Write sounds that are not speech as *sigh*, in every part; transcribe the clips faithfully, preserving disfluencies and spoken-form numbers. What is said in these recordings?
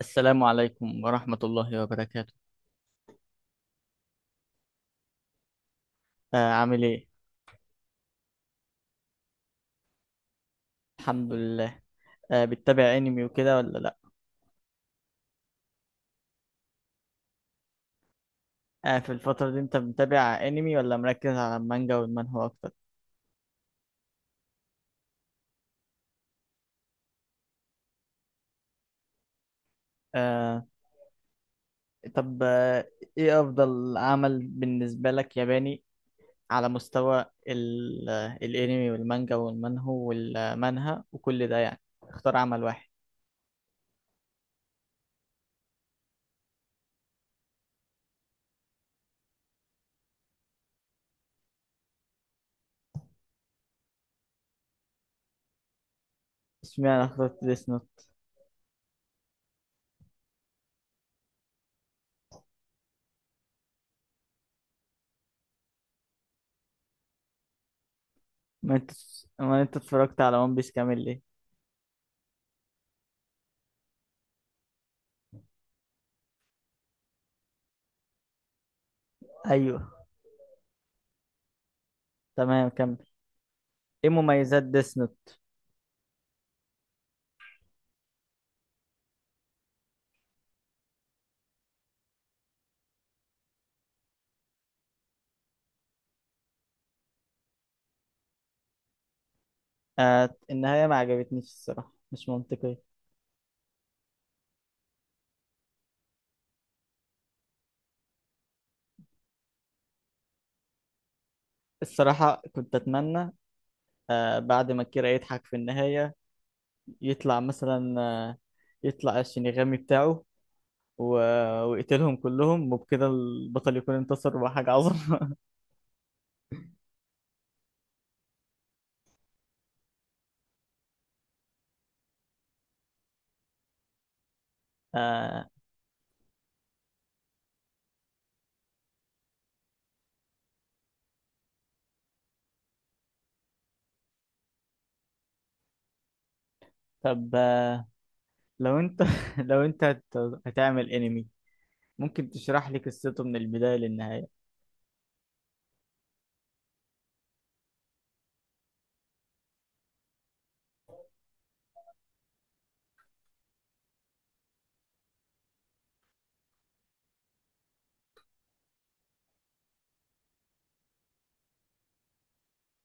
السلام عليكم ورحمة الله وبركاته. آه عامل ايه؟ الحمد لله. آه بتتابع انمي وكده ولا لا؟ آه في الفترة دي انت متابع انمي ولا مركز على المانجا والمانهوا اكتر؟ آه طب آه ايه افضل عمل بالنسبة لك ياباني على مستوى ال- آه، الانمي والمانجا والمانهو والمانهوا وكل ده، يعني اختار عمل واحد. اشمعنى اخترت ديس نوت؟ ما انت ما انت اتفرجت على ون بيس كامل ليه؟ ايوه، تمام، كمل. ايه مميزات ديس نوت؟ آه النهاية ما عجبتنيش الصراحة، مش منطقية. الصراحة كنت أتمنى آه بعد ما كيرا يضحك في النهاية يطلع مثلا آه يطلع الشينيغامي بتاعه و... ويقتلهم كلهم، وبكده البطل يكون انتصر وحاجة عظمة. *laughs* آه طب آه لو أنت *laughs* لو أنت هت- هتعمل أنمي، ممكن تشرح لي قصته من البداية للنهاية؟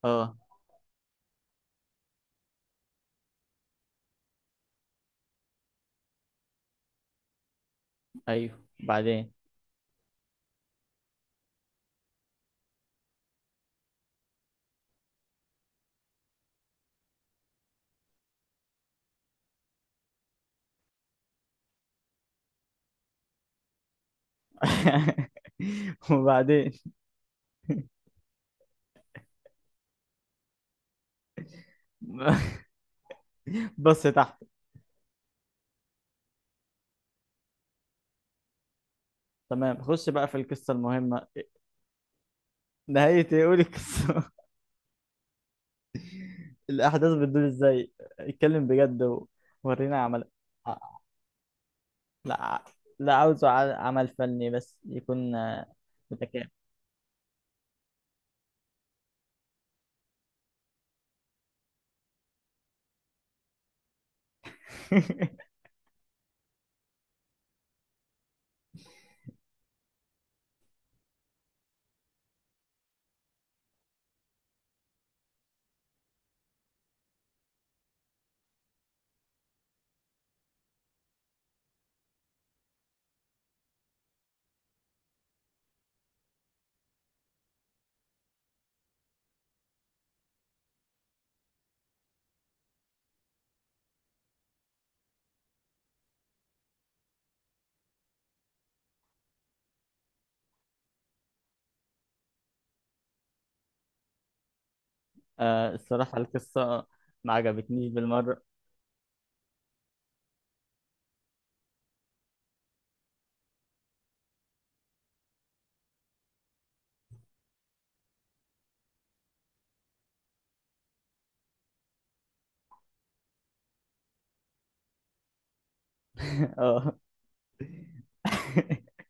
اه. أيوه، بعدين. *laughs* وبعدين. *laughs* بص تحت. تمام، خش بقى في القصة المهمة. نهاية ايه؟ قولي القصة. *laughs* الأحداث بتدور ازاي؟ اتكلم بجد وورينا عملك. آه. لا، لا، عاوزه ع- عمل فني، بس يكون آه، متكامل. *laughs* آه، الصراحة القصة ما عجبتنيش بالمرة. *laughs* اه. *laughs*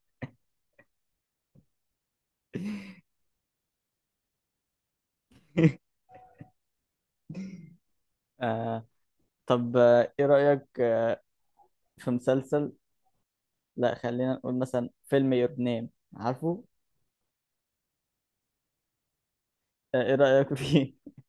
آه، طب آه، ايه رأيك آه، في مسلسل؟ لا، خلينا نقول مثلا فيلم يور نيم، عارفه؟ آه، ايه رأيك فيه؟ *laughs*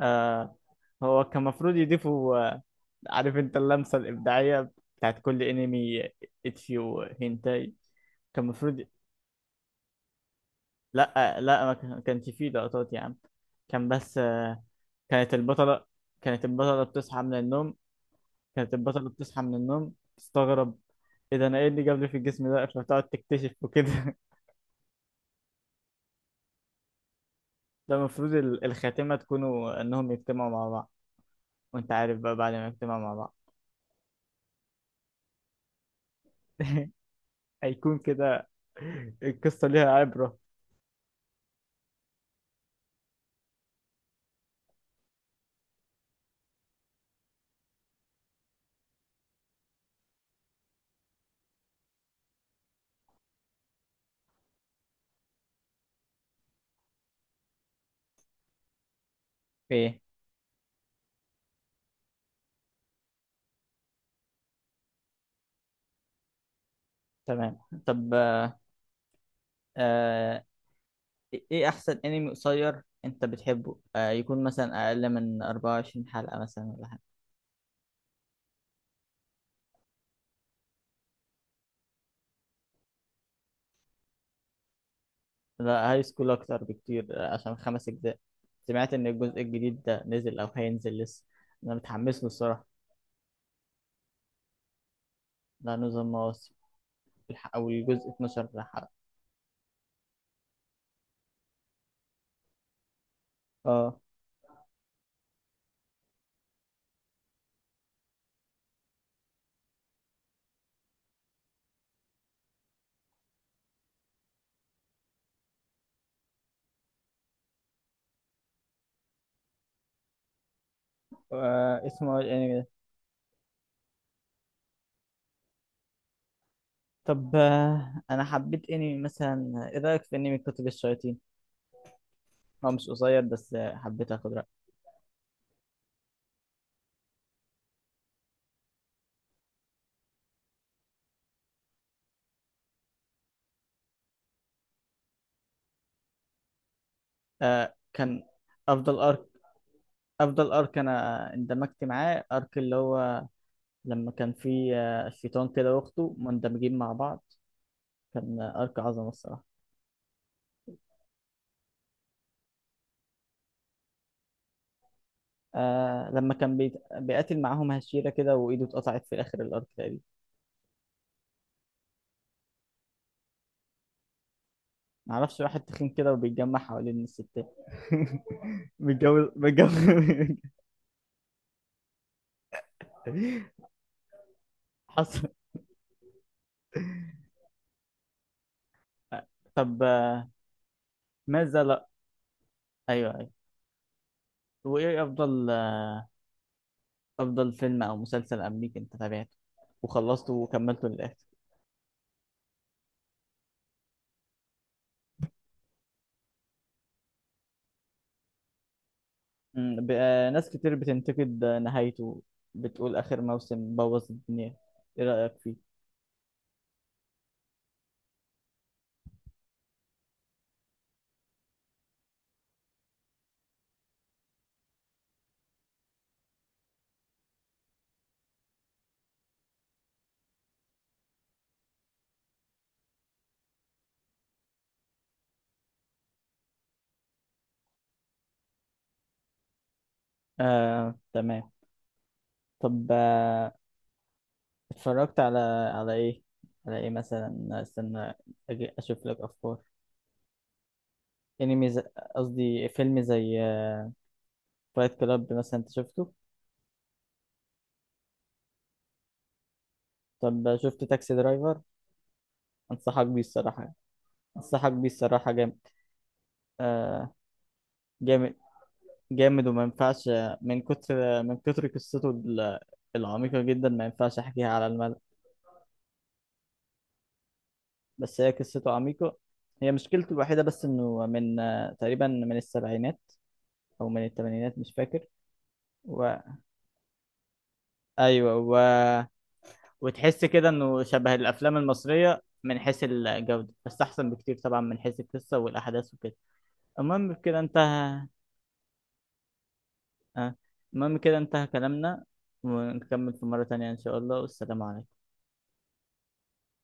آه، هو كان المفروض يضيفوا، عارف انت، اللمسة الإبداعية بتاعت كل انمي، اتشي وهينتاي، كان المفروض. لا لا، ما كان- ما كانش فيه لقطات يا عم، كان بس آه، كانت البطلة، كانت البطلة بتصحى من النوم كانت البطلة بتصحى من النوم تستغرب ايه ده، انا ايه اللي جابني في الجسم ده، فتقعد تكتشف وكده. *laughs* ده المفروض ال- الخاتمة تكونوا انهم يجتمعوا مع بعض، وانت عارف بقى بعد ما يجتمعوا مع بعض. *laughs* هيكون كده، القصة ليها عبرة. ايه، تمام. طب آه، ايه احسن انمي قصير انت بتحبه؟ آه، يكون مثلا اقل من أربعة وعشرين حلقة مثلا ولا حاجة. لا، هاي سكول اكتر بكتير، آه، عشان خمس اجزاء. سمعت ان الجزء الجديد ده نزل او هينزل لسه، انا متحمس له الصراحة. ده نظام مواسم، الح- او الجزء اثنا عشر حلقة. اه. آه، اسمه إيه الانمي ده؟ طب آه، انا حبيت انمي مثلا، ايه رايك في انمي كتب الشياطين؟ هو مش قصير، بس آه، حبيت اخد رأيك. آه، كان افضل ارك، افضل ارك انا اندمجت معاه، ارك اللي هو لما كان فيه آه، الشيطان كده واخته مندمجين مع بعض، كان ارك عظمه الصراحه. آه لما كان بيت- بيقاتل معاهم هشيرة كده وايده اتقطعت في اخر الارك تقريبا. معرفش، واحد تخين كده وبيتجمع حوالين الستات. *laughs* بيتجوز بيتجوز. *laughs* حصل. طب آه، ماذا لا. ايوه ايوه. وايه افضل آه، افضل فيلم او مسلسل امريكي انت تابعته وخلصته وكملته للاخر؟ مم، ب- آه، ناس كتير بتنتقد نهايته، بتقول آخر موسم بوظ الدنيا، إيه رأيك فيه؟ آه، تمام. طب آه، اتفرجت على، على إيه؟ على إيه مثلا؟ استنى أجي أشوف لك أفكار. أنمي ز- قصدي فيلم زي فايت كلاب مثلا، أنت شفته؟ طب آه، شفت تاكسي درايفر؟ أنصحك بيه الصراحة، أنصحك بيه الصراحة، جامد آه، جامد، جامد وما ينفعش آه، من كتر آه، من كتر قصته ال- العميقة جدا ما ينفعش أحكيها على الملأ. بس هي قصته عميقة، هي مشكلته الوحيدة بس إنه من آه، تقريبا من السبعينات أو من الثمانينات مش فاكر. و... أيوة، و... وتحس كده إنه شبه الأفلام المصرية من حيث الجودة، بس أحسن بكتير طبعا من حيث القصة والأحداث وكده. المهم كده انتهى. آه، المهم كده انتهى كلامنا، ونكمل في مرة تانية إن شاء الله، والسلام عليكم.